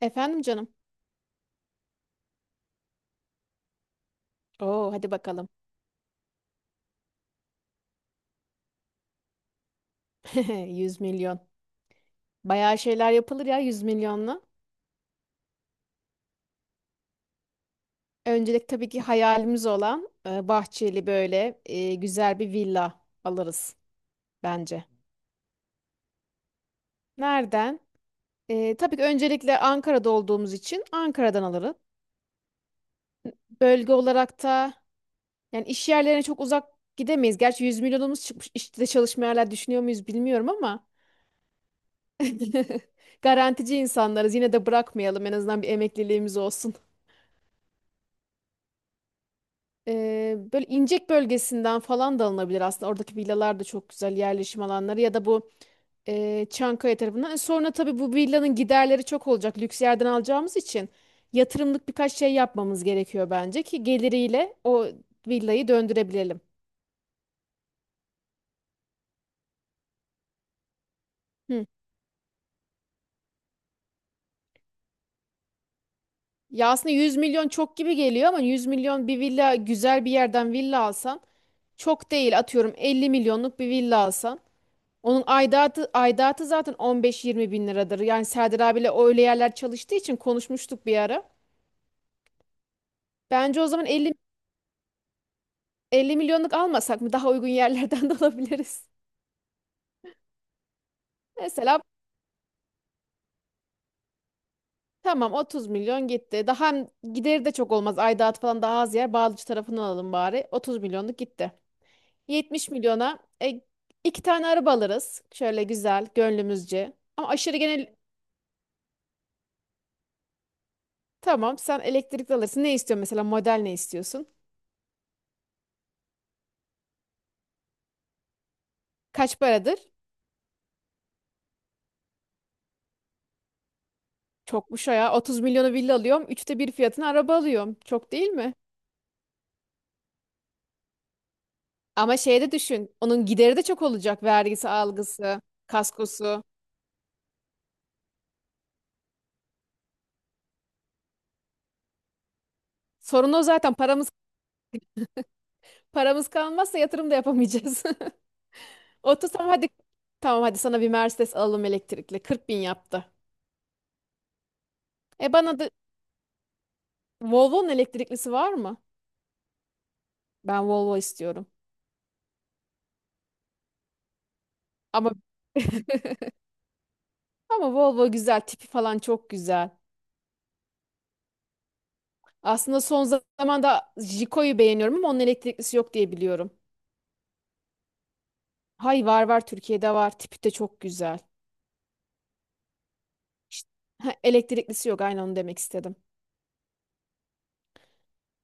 Efendim canım. Oo hadi bakalım. 100 milyon. Bayağı şeyler yapılır ya 100 milyonla. Öncelik tabii ki hayalimiz olan bahçeli böyle güzel bir villa alırız bence. Nereden? Tabii ki öncelikle Ankara'da olduğumuz için Ankara'dan alırız. Bölge olarak da yani iş yerlerine çok uzak gidemeyiz. Gerçi 100 milyonumuz çıkmış. İşte çalışma yerler düşünüyor muyuz bilmiyorum ama garantici insanlarız. Yine de bırakmayalım. En azından bir emekliliğimiz olsun. Böyle İncek bölgesinden falan da alınabilir aslında. Oradaki villalar da çok güzel yerleşim alanları ya da bu Çankaya tarafından. Sonra tabii bu villanın giderleri çok olacak. Lüks yerden alacağımız için yatırımlık birkaç şey yapmamız gerekiyor bence ki geliriyle o villayı döndürebilelim. Hı. Ya aslında 100 milyon çok gibi geliyor ama 100 milyon bir villa güzel bir yerden villa alsan çok değil atıyorum 50 milyonluk bir villa alsan. Onun aidatı zaten 15-20 bin liradır. Yani Serdar abiyle öyle yerler çalıştığı için konuşmuştuk bir ara. Bence o zaman 50, 50 milyonluk almasak mı? Daha uygun yerlerden de alabiliriz. Mesela tamam 30 milyon gitti. Daha hem gideri de çok olmaz. Aidatı falan daha az yer. Bağlıcı tarafını alalım bari. 30 milyonluk gitti. 70 milyona iki tane araba alırız. Şöyle güzel, gönlümüzce. Ama aşırı genel. Tamam, sen elektrikli alırsın. Ne istiyorsun mesela? Model ne istiyorsun? Kaç paradır? Çokmuş o ya. 30 milyonu villa alıyorum. 1/3 fiyatına araba alıyorum. Çok değil mi? Ama şeye de düşün. Onun gideri de çok olacak. Vergisi, algısı, kaskosu. Sorun o zaten. Paramız kalmazsa yatırım da yapamayacağız. 30, tamam hadi. Tamam hadi, sana bir Mercedes alalım elektrikli. 40 bin yaptı. Bana da Volvo'nun elektriklisi var mı? Ben Volvo istiyorum. Ama ama Volvo güzel. Tipi falan çok güzel. Aslında son zamanda Jiko'yu beğeniyorum ama onun elektriklisi yok diye biliyorum. Hay var var, Türkiye'de var. Tipi de çok güzel. İşte, ha, elektriklisi yok. Aynen onu demek istedim.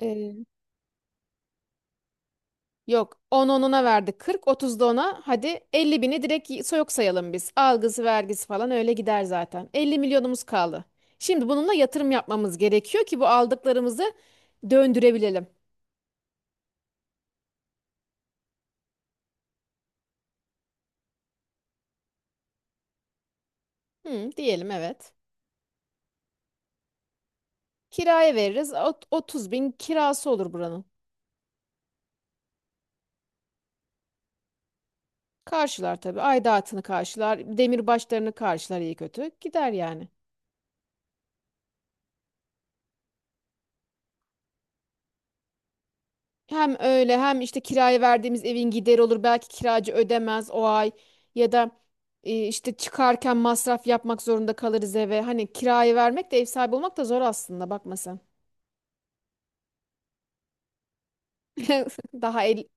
Ee, yok on onuna verdi. 40-30'da ona, hadi 50 bini direkt yok sayalım biz. Algısı vergisi falan öyle gider zaten. 50 milyonumuz kaldı. Şimdi bununla yatırım yapmamız gerekiyor ki bu aldıklarımızı döndürebilelim. Hı, diyelim evet. Kiraya veririz. 30 bin kirası olur buranın. Karşılar tabii. Aidatını karşılar. Demir başlarını karşılar iyi kötü. Gider yani. Hem öyle hem işte kiraya verdiğimiz evin gideri olur. Belki kiracı ödemez o ay ya da işte çıkarken masraf yapmak zorunda kalırız eve. Hani kirayı vermek de ev sahibi olmak da zor aslında, bakma sen. Daha el,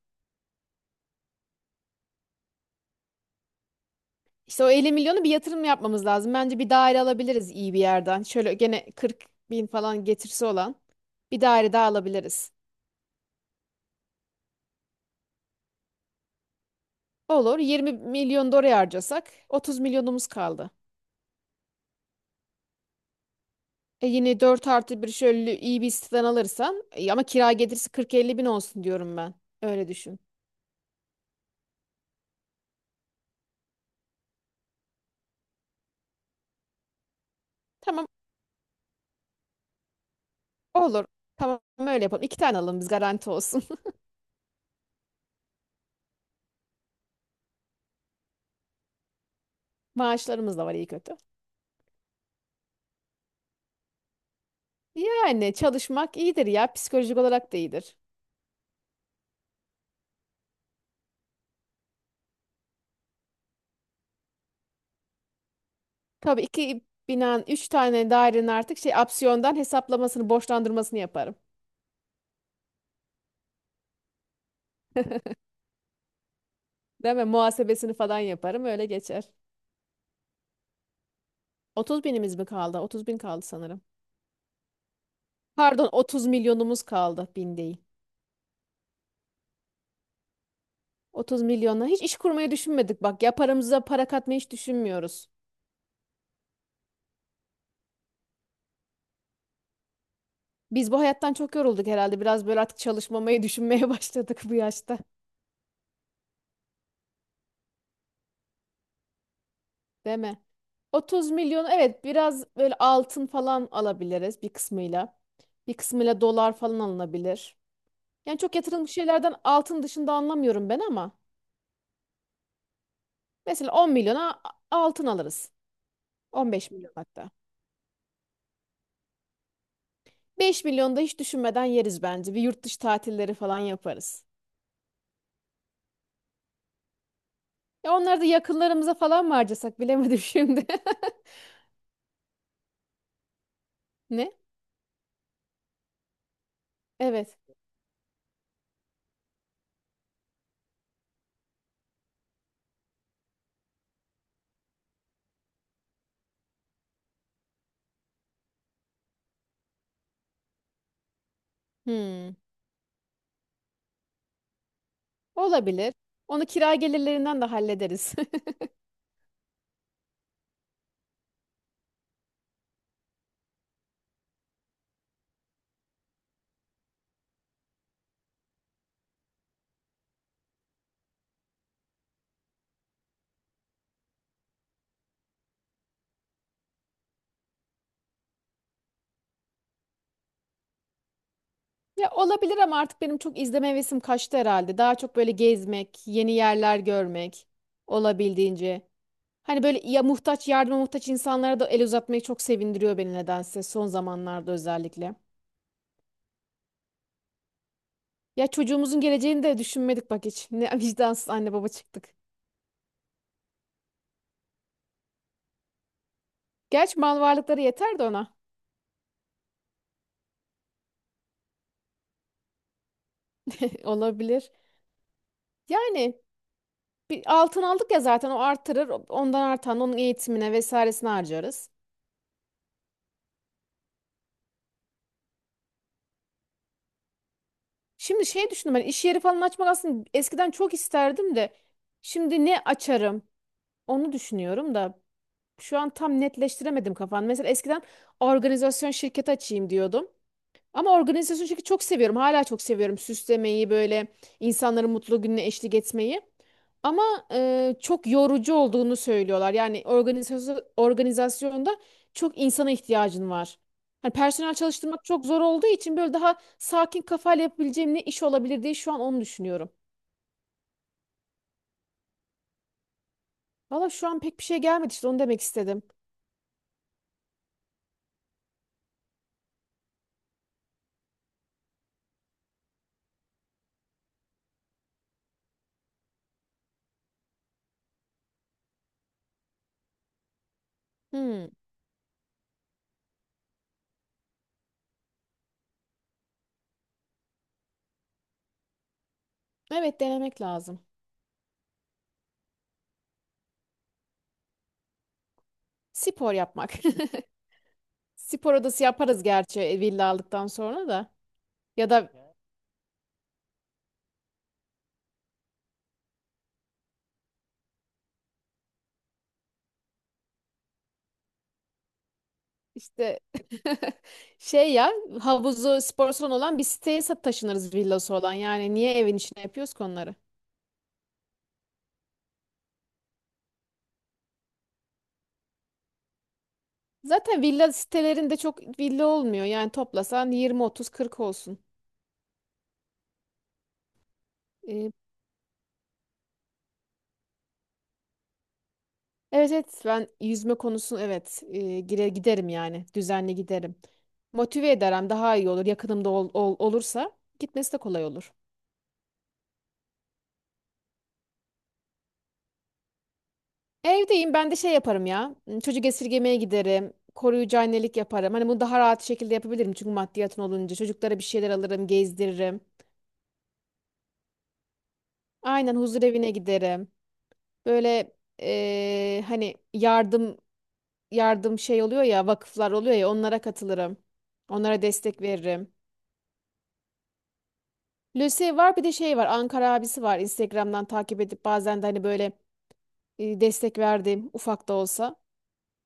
işte o 50 milyonu bir yatırım yapmamız lazım. Bence bir daire alabiliriz iyi bir yerden. Şöyle gene 40 bin falan getirisi olan bir daire daha alabiliriz. Olur, 20 milyon da oraya harcasak 30 milyonumuz kaldı. Yine 4+1 şöyle iyi bir siteden alırsan ama kira gelirse 40-50 bin olsun diyorum ben. Öyle düşün. Tamam, olur. Tamam öyle yapalım. İki tane alalım biz, garanti olsun. Maaşlarımız da var iyi kötü. Yani çalışmak iyidir ya. Psikolojik olarak da iyidir. Tabii iki binan, üç tane dairenin artık şey opsiyondan hesaplamasını, borçlandırmasını yaparım. Değil mi? Muhasebesini falan yaparım. Öyle geçer. 30 binimiz mi kaldı? 30 bin kaldı sanırım. Pardon, 30 milyonumuz kaldı. Bin değil. 30 milyonla hiç iş kurmayı düşünmedik bak ya, paramıza para katmayı hiç düşünmüyoruz. Biz bu hayattan çok yorulduk herhalde, biraz böyle artık çalışmamayı düşünmeye başladık bu yaşta, değil mi? 30 milyon, evet biraz böyle altın falan alabiliriz bir kısmıyla. Bir kısmıyla dolar falan alınabilir. Yani çok yatırılmış şeylerden altın dışında anlamıyorum ben, ama mesela 10 milyona altın alırız. 15 milyon hatta. 5 milyon da hiç düşünmeden yeriz bence. Bir yurt dışı tatilleri falan yaparız. Ya onları da yakınlarımıza falan mı harcasak bilemedim şimdi. Ne? Evet. Hmm. Olabilir. Onu kira gelirlerinden de hallederiz. Ya olabilir ama artık benim çok izleme hevesim kaçtı herhalde. Daha çok böyle gezmek, yeni yerler görmek olabildiğince. Hani böyle ya muhtaç, yardıma muhtaç insanlara da el uzatmayı çok sevindiriyor beni nedense son zamanlarda, özellikle. Ya çocuğumuzun geleceğini de düşünmedik bak hiç. Ne vicdansız anne baba çıktık. Gerçi mal varlıkları yeter de ona. Olabilir. Yani bir altın aldık ya zaten, o artırır. Ondan artan onun eğitimine vesairesine harcarız. Şimdi şey düşündüm ben, iş yeri falan açmak aslında eskiden çok isterdim de şimdi ne açarım onu düşünüyorum da şu an tam netleştiremedim kafamda. Mesela eskiden organizasyon şirketi açayım diyordum. Ama organizasyon çünkü çok seviyorum. Hala çok seviyorum süslemeyi, böyle insanların mutlu gününe eşlik etmeyi. Ama çok yorucu olduğunu söylüyorlar. Yani organizasyonda çok insana ihtiyacın var. Hani personel çalıştırmak çok zor olduğu için böyle daha sakin kafayla yapabileceğim ne iş olabilir diye şu an onu düşünüyorum. Valla şu an pek bir şey gelmedi, işte onu demek istedim. Hmm, evet denemek lazım. Spor yapmak. Spor odası yaparız gerçi villa aldıktan sonra da. Ya da İşte şey ya, havuzu spor salonu olan bir siteye taşınırız villası olan. Yani niye evin içine yapıyoruz ki onları? Zaten villa sitelerinde çok villa olmuyor. Yani toplasan 20 30 40 olsun. Ee, evet evet ben yüzme konusunu evet giderim yani. Düzenli giderim. Motive ederim daha iyi olur. Yakınımda olursa gitmesi de kolay olur. Evdeyim, ben de şey yaparım ya. Çocuk esirgemeye giderim. Koruyucu annelik yaparım. Hani bunu daha rahat şekilde yapabilirim çünkü maddiyatın olunca. Çocuklara bir şeyler alırım, gezdiririm. Aynen, huzur evine giderim. Böyle hani yardım şey oluyor ya, vakıflar oluyor ya, onlara katılırım. Onlara destek veririm. Lucy var, bir de şey var, Ankara abisi var. Instagram'dan takip edip bazen de hani böyle destek verdiğim ufak da olsa.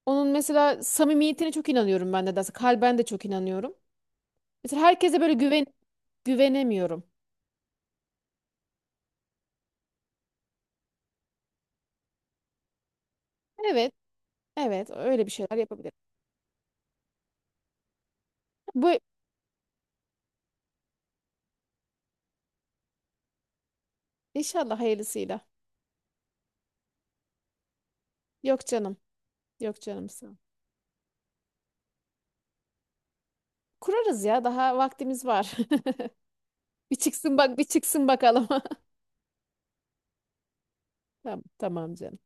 Onun mesela samimiyetine çok inanıyorum ben de. Kalben de çok inanıyorum. Mesela herkese böyle güvenemiyorum. Evet, evet öyle bir şeyler yapabilirim. Bu inşallah hayırlısıyla. Yok canım, yok canım sağ ol. Kurarız ya, daha vaktimiz var. Bir çıksın bak, bir çıksın bakalım. Tamam, tamam canım.